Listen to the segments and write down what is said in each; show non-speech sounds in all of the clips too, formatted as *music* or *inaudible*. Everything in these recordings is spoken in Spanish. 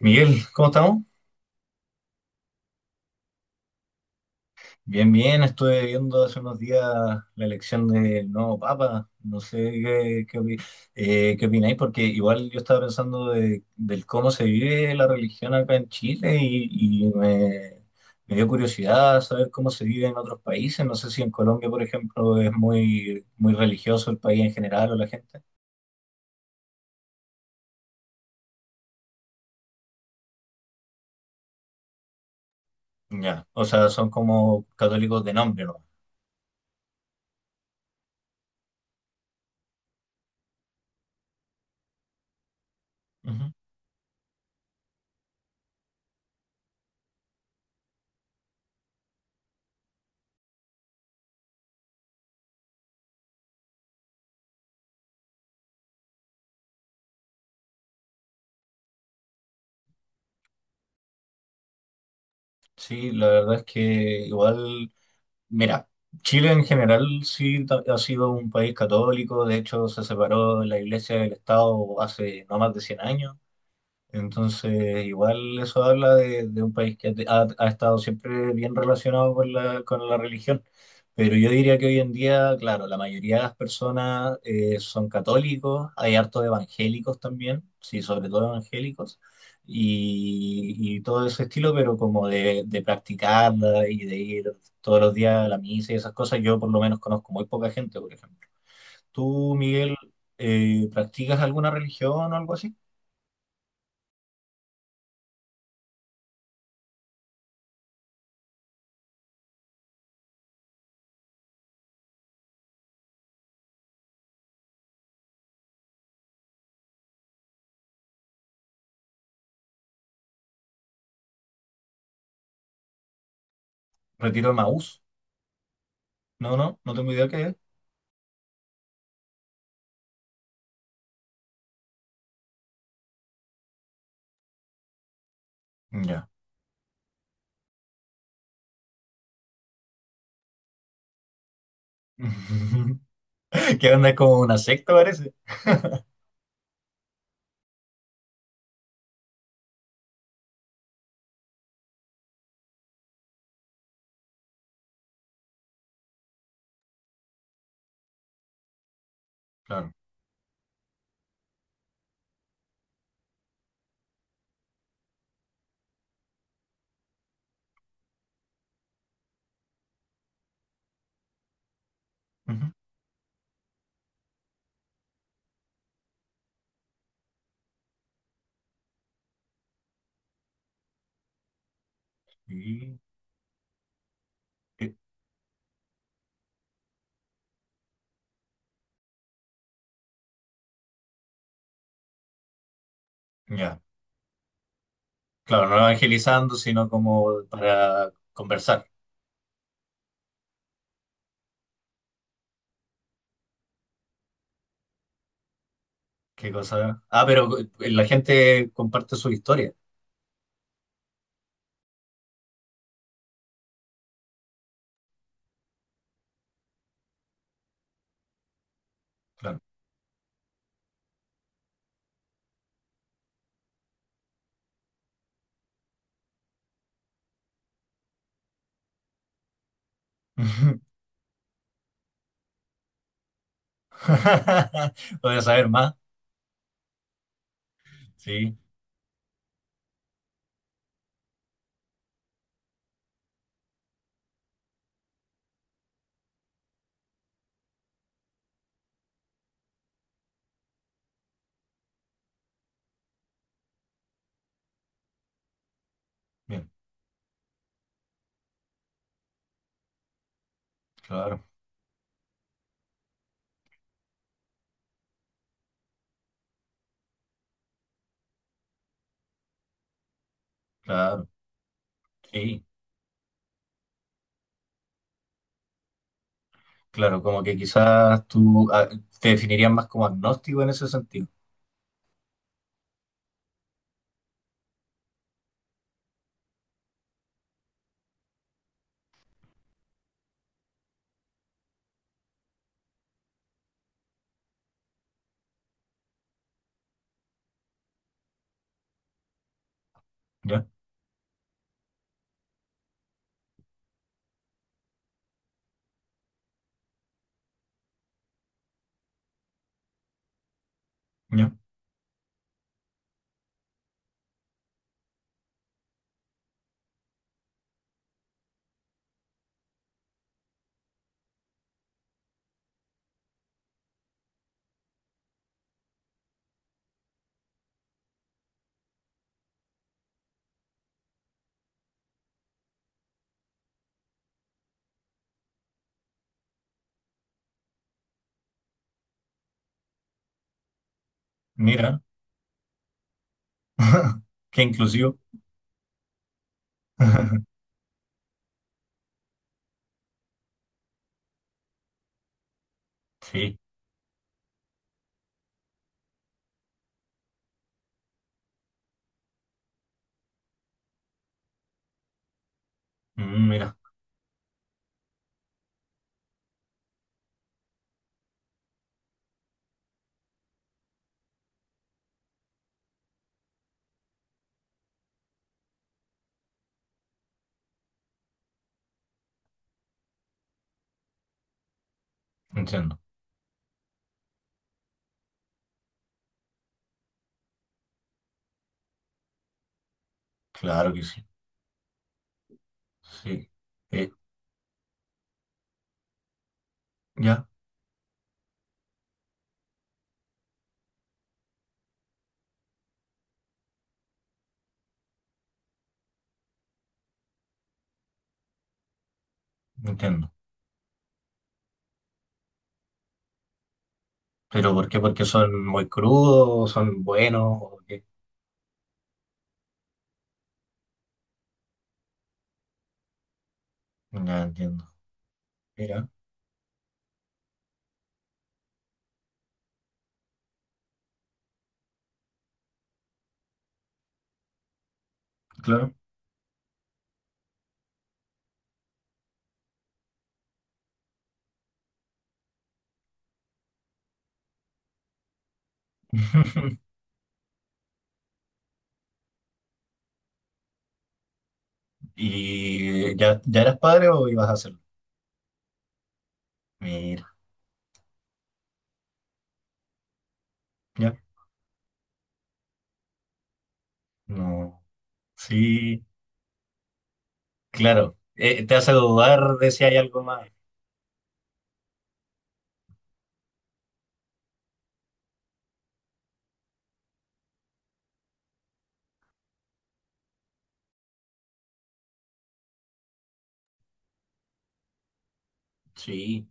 Miguel, ¿cómo estamos? Bien, bien, estuve viendo hace unos días la elección del nuevo Papa, no sé qué opináis, porque igual yo estaba pensando del cómo se vive la religión acá en Chile, y me dio curiosidad saber cómo se vive en otros países, no sé si en Colombia, por ejemplo, es muy, muy religioso el país en general o la gente. Ya, o sea, son como católicos de nombre, ¿no? Ujú. Sí, la verdad es que igual. Mira, Chile en general sí ha sido un país católico, de hecho se separó la iglesia del Estado hace no más de 100 años, entonces, igual eso habla de un país que ha estado siempre bien relacionado con la religión. Pero yo diría que hoy en día, claro, la mayoría de las personas son católicos, hay harto de evangélicos también, sí, sobre todo evangélicos, y todo ese estilo, pero como de practicarla y de ir todos los días a la misa y esas cosas, yo por lo menos conozco muy poca gente, por ejemplo. ¿Tú, Miguel, practicas alguna religión o algo así? Retiro de Maús. No, no, no tengo idea qué es. Ya. *laughs* ¿Qué onda? Es como una secta, parece. Claro. Ujú. Y- y- ya. Claro, no evangelizando, sino como para conversar. ¿Qué cosa? Ah, pero la gente comparte su historia. Claro. Ujú. *laughs* Voy a saber más. Sí, bien, claro, claro. Sí, claro, como que quizás tú te definirías más como agnóstico en ese sentido. Ya, ya. Mira. *laughs* Qué inclusivo. *laughs* Sí. Mira, entiendo. Claro que sí. Sí. Eh, ya, entiendo. ¿Pero por qué? ¿Porque son muy crudos? ¿Son buenos? ¿O qué? Ya entiendo. Mira, claro. *laughs* ¿Y ya, ya eras padre o ibas a hacerlo? Mira, ya. No. Sí, claro. Te hace dudar de si hay algo más. Sí,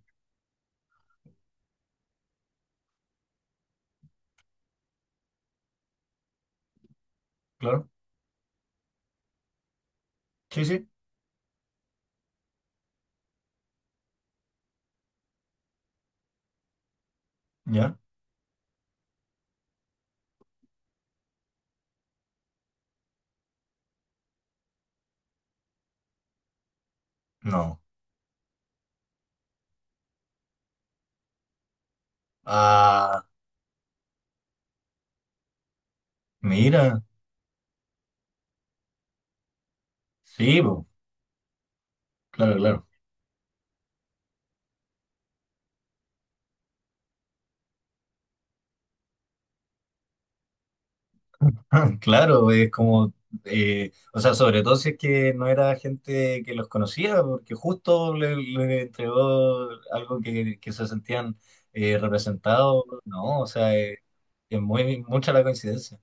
claro. Sí, sí. Ya. No. Ah, mira. Sí, po. Claro, claro. *laughs* Claro, es como, o sea, sobre todo si es que no era gente que los conocía, porque justo le entregó algo que se sentían representados, ¿no? O sea, es muy mucha la coincidencia.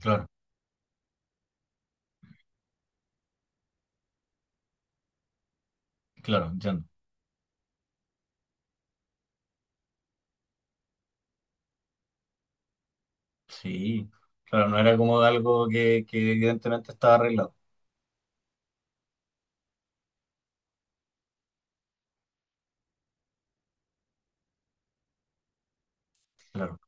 Claro, claro, entiendo. Sí, claro, no era como de algo que evidentemente estaba arreglado. Claro.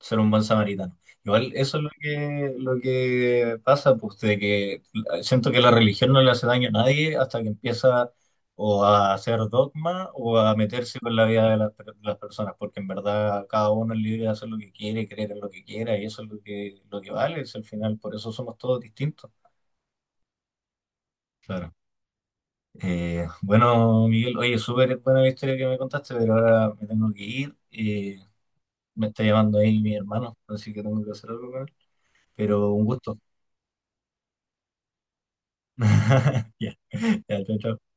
Ser un buen samaritano. Igual eso es lo que pasa, pues de que siento que la religión no le hace daño a nadie hasta que empieza o a hacer dogma o a meterse con la vida de las personas, porque en verdad cada uno es libre de hacer lo que quiere, creer en lo que quiera, y eso es lo que vale, es al final, por eso somos todos distintos. Claro. Bueno, Miguel, oye, súper buena la historia que me contaste, pero ahora me tengo que ir. Me está llamando ahí mi hermano, así que tengo que hacer algo con él. Pero un gusto. *laughs* Ya, ya, chao, chao.